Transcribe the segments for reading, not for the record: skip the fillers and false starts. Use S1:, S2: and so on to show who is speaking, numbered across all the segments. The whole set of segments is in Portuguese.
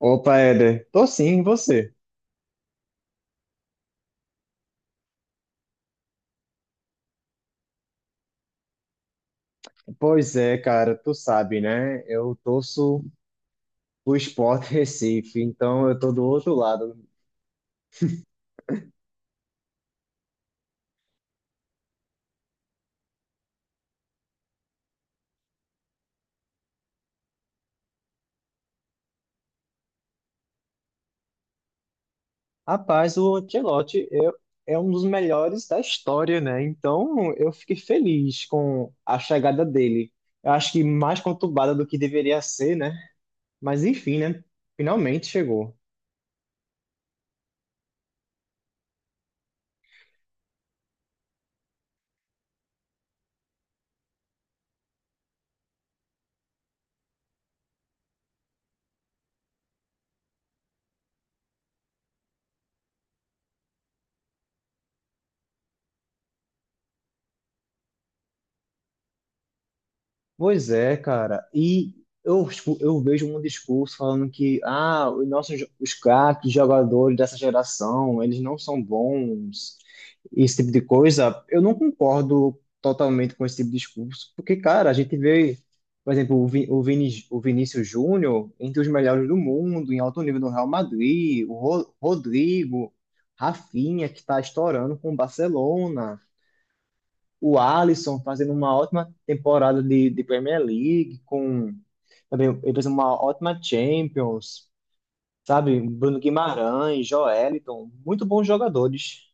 S1: Opa, Éder, tô sim, e você? Pois é, cara, tu sabe, né? Eu torço pro Sport Recife, então eu tô do outro lado. Rapaz, o Ancelotti é um dos melhores da história, né? Então eu fiquei feliz com a chegada dele. Eu acho que mais conturbada do que deveria ser, né? Mas enfim, né? Finalmente chegou. Pois é, cara. E eu vejo um discurso falando que ah, os craques, jogadores dessa geração, eles não são bons, esse tipo de coisa. Eu não concordo totalmente com esse tipo de discurso, porque, cara, a gente vê, por exemplo, o, Vi, o, Vini, o Vinícius Júnior entre os melhores do mundo, em alto nível no Real Madrid, o Rodrigo, Rafinha, que está estourando com o Barcelona, o Alisson fazendo uma ótima temporada de Premier League, com também ele fez uma ótima Champions, sabe? Bruno Guimarães, Joeliton, muito bons jogadores.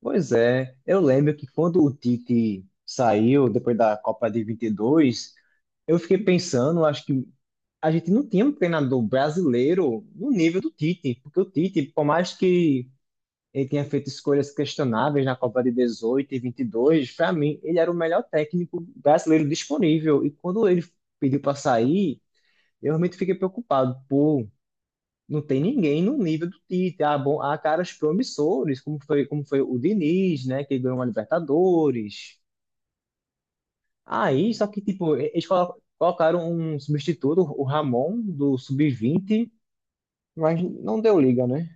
S1: Pois é, eu lembro que quando o Tite saiu depois da Copa de 22, eu fiquei pensando, acho que a gente não tinha um treinador brasileiro no nível do Tite, porque o Tite, por mais que ele tinha feito escolhas questionáveis na Copa de 18 e 22. Para mim, ele era o melhor técnico brasileiro disponível. E quando ele pediu para sair, eu realmente fiquei preocupado. Pô, não tem ninguém no nível do Tite. Ah, bom, há caras promissores, como foi o Diniz, né, que ganhou uma Libertadores. Aí, só que, tipo, eles colocaram um substituto, o Ramon, do Sub-20, mas não deu liga, né?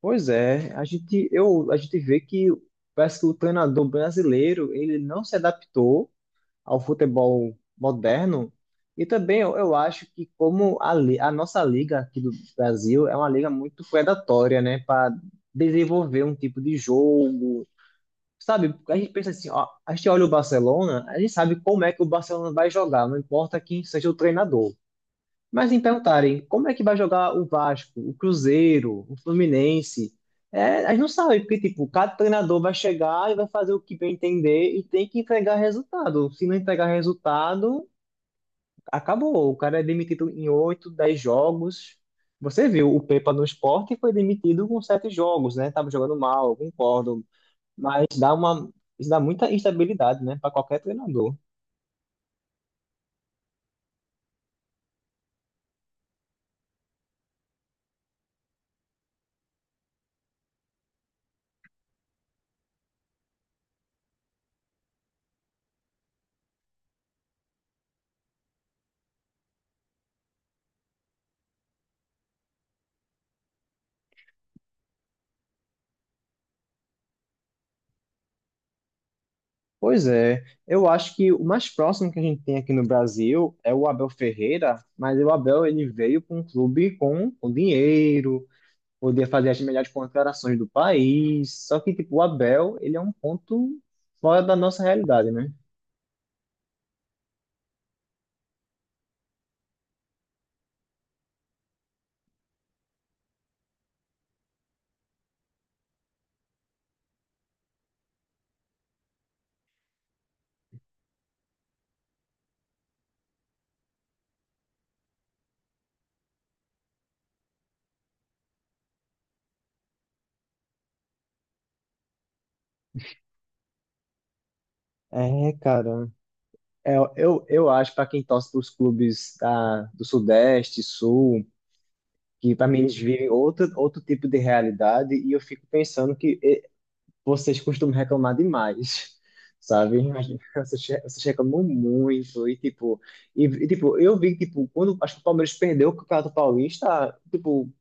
S1: Pois é, a gente vê que parece que o treinador brasileiro ele não se adaptou ao futebol moderno e também eu acho que como a nossa liga aqui do Brasil é uma liga muito predatória, né, para desenvolver um tipo de jogo, sabe? A gente pensa assim, ó, a gente olha o Barcelona, a gente sabe como é que o Barcelona vai jogar, não importa quem seja o treinador. Mas me perguntarem como é que vai jogar o Vasco, o Cruzeiro, o Fluminense, é, a gente não sabe, porque tipo, cada treinador vai chegar e vai fazer o que bem entender e tem que entregar resultado. Se não entregar resultado, acabou. O cara é demitido em 8, 10 jogos. Você viu, o Pepa no Sport foi demitido com 7 jogos, né? Tava jogando mal, eu concordo. Mas isso dá muita instabilidade, né, para qualquer treinador. Pois é, eu acho que o mais próximo que a gente tem aqui no Brasil é o Abel Ferreira, mas o Abel ele veio para um clube com dinheiro, poder fazer as melhores contratações do país, só que tipo, o Abel ele é um ponto fora da nossa realidade, né? É, cara, eu acho para quem torce para os clubes da, do Sudeste, Sul, que para mim eles vivem outro tipo de realidade, e eu fico pensando que vocês costumam reclamar demais, sabe? Imagina, vocês reclamam muito e tipo, eu vi tipo quando acho que o Palmeiras perdeu o Campeonato Paulista, tipo,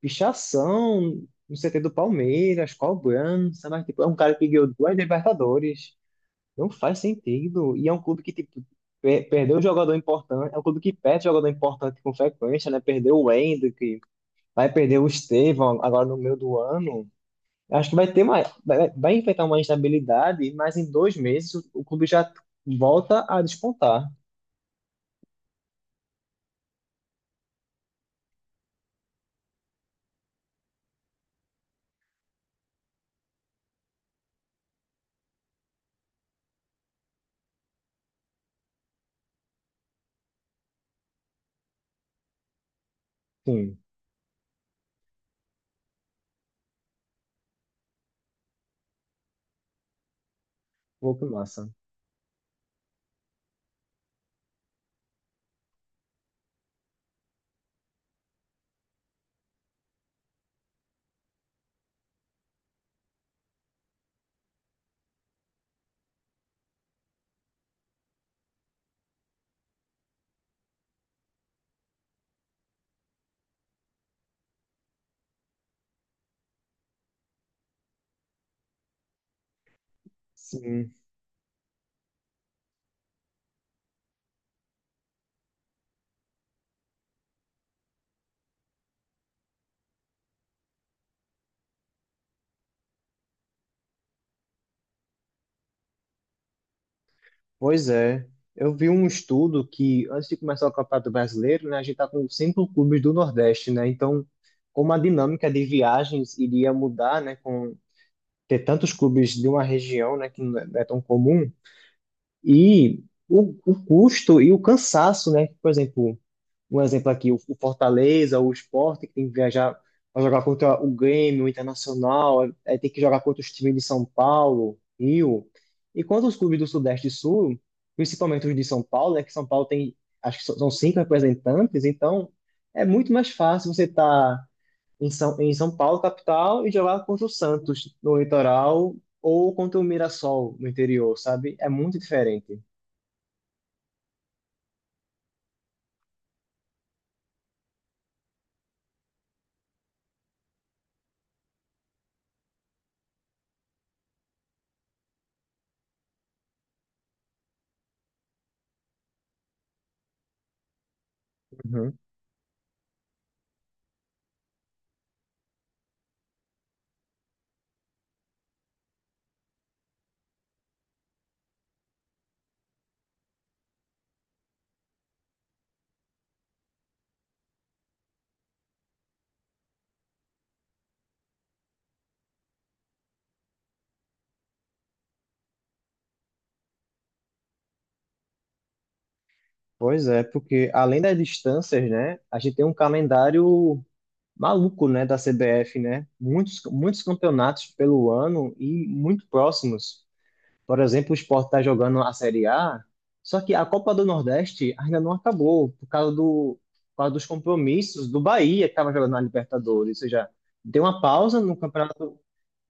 S1: pichação no CT do Palmeiras, cobrança, mas tipo, é um cara que ganhou duas Libertadores. Não faz sentido. E é um clube que tipo perdeu um jogador importante, é um clube que perde jogador importante com frequência, né? Perdeu o Hendrick, vai perder o Estevão agora no meio do ano. Acho que vai enfrentar uma instabilidade, mas em 2 meses o clube já volta a despontar. Sim, pô, que massa. Sim, pois é. Eu vi um estudo que antes de começar o Campeonato Brasileiro, né, a gente tá com cinco clubes do Nordeste, né? Então, como a dinâmica de viagens iria mudar, né, com ter tantos clubes de uma região, né, que não é tão comum, e o custo e o cansaço, né? Por exemplo, um exemplo aqui, o Fortaleza, o Sport, que tem que viajar para jogar contra o Grêmio, o Internacional, aí tem que jogar contra os times de São Paulo, Rio. E quanto os clubes do Sudeste e Sul, principalmente os de São Paulo, né, que São Paulo tem, acho que são cinco representantes, então é muito mais fácil você estar em São Paulo, capital, e jogar contra o Santos no litoral ou contra o Mirassol no interior, sabe? É muito diferente. Pois é, porque além das distâncias, né, a gente tem um calendário maluco, né, da CBF, né? Muitos, muitos campeonatos pelo ano e muito próximos. Por exemplo, o Sport está jogando a Série A, só que a Copa do Nordeste ainda não acabou por causa dos compromissos do Bahia que estava jogando na Libertadores, ou seja, deu uma pausa no campeonato,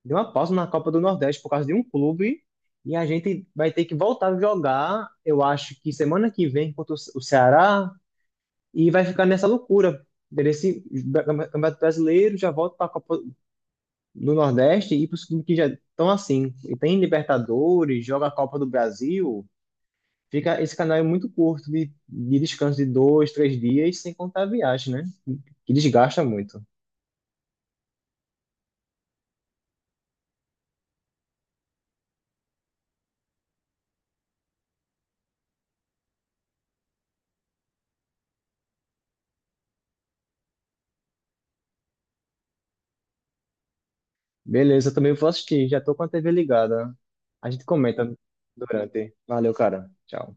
S1: deu uma pausa na Copa do Nordeste por causa de um clube. E a gente vai ter que voltar a jogar, eu acho que semana que vem contra o Ceará, e vai ficar nessa loucura. Desse Campeonato Brasileiro já volta para a Copa do Nordeste e para os clubes que já estão assim. E tem Libertadores, joga a Copa do Brasil, fica esse canal é muito curto de descanso de dois, três dias, sem contar a viagem, né? Que desgasta muito. Beleza, eu também vou assistir, já tô com a TV ligada. A gente comenta durante. Valeu, cara. Tchau.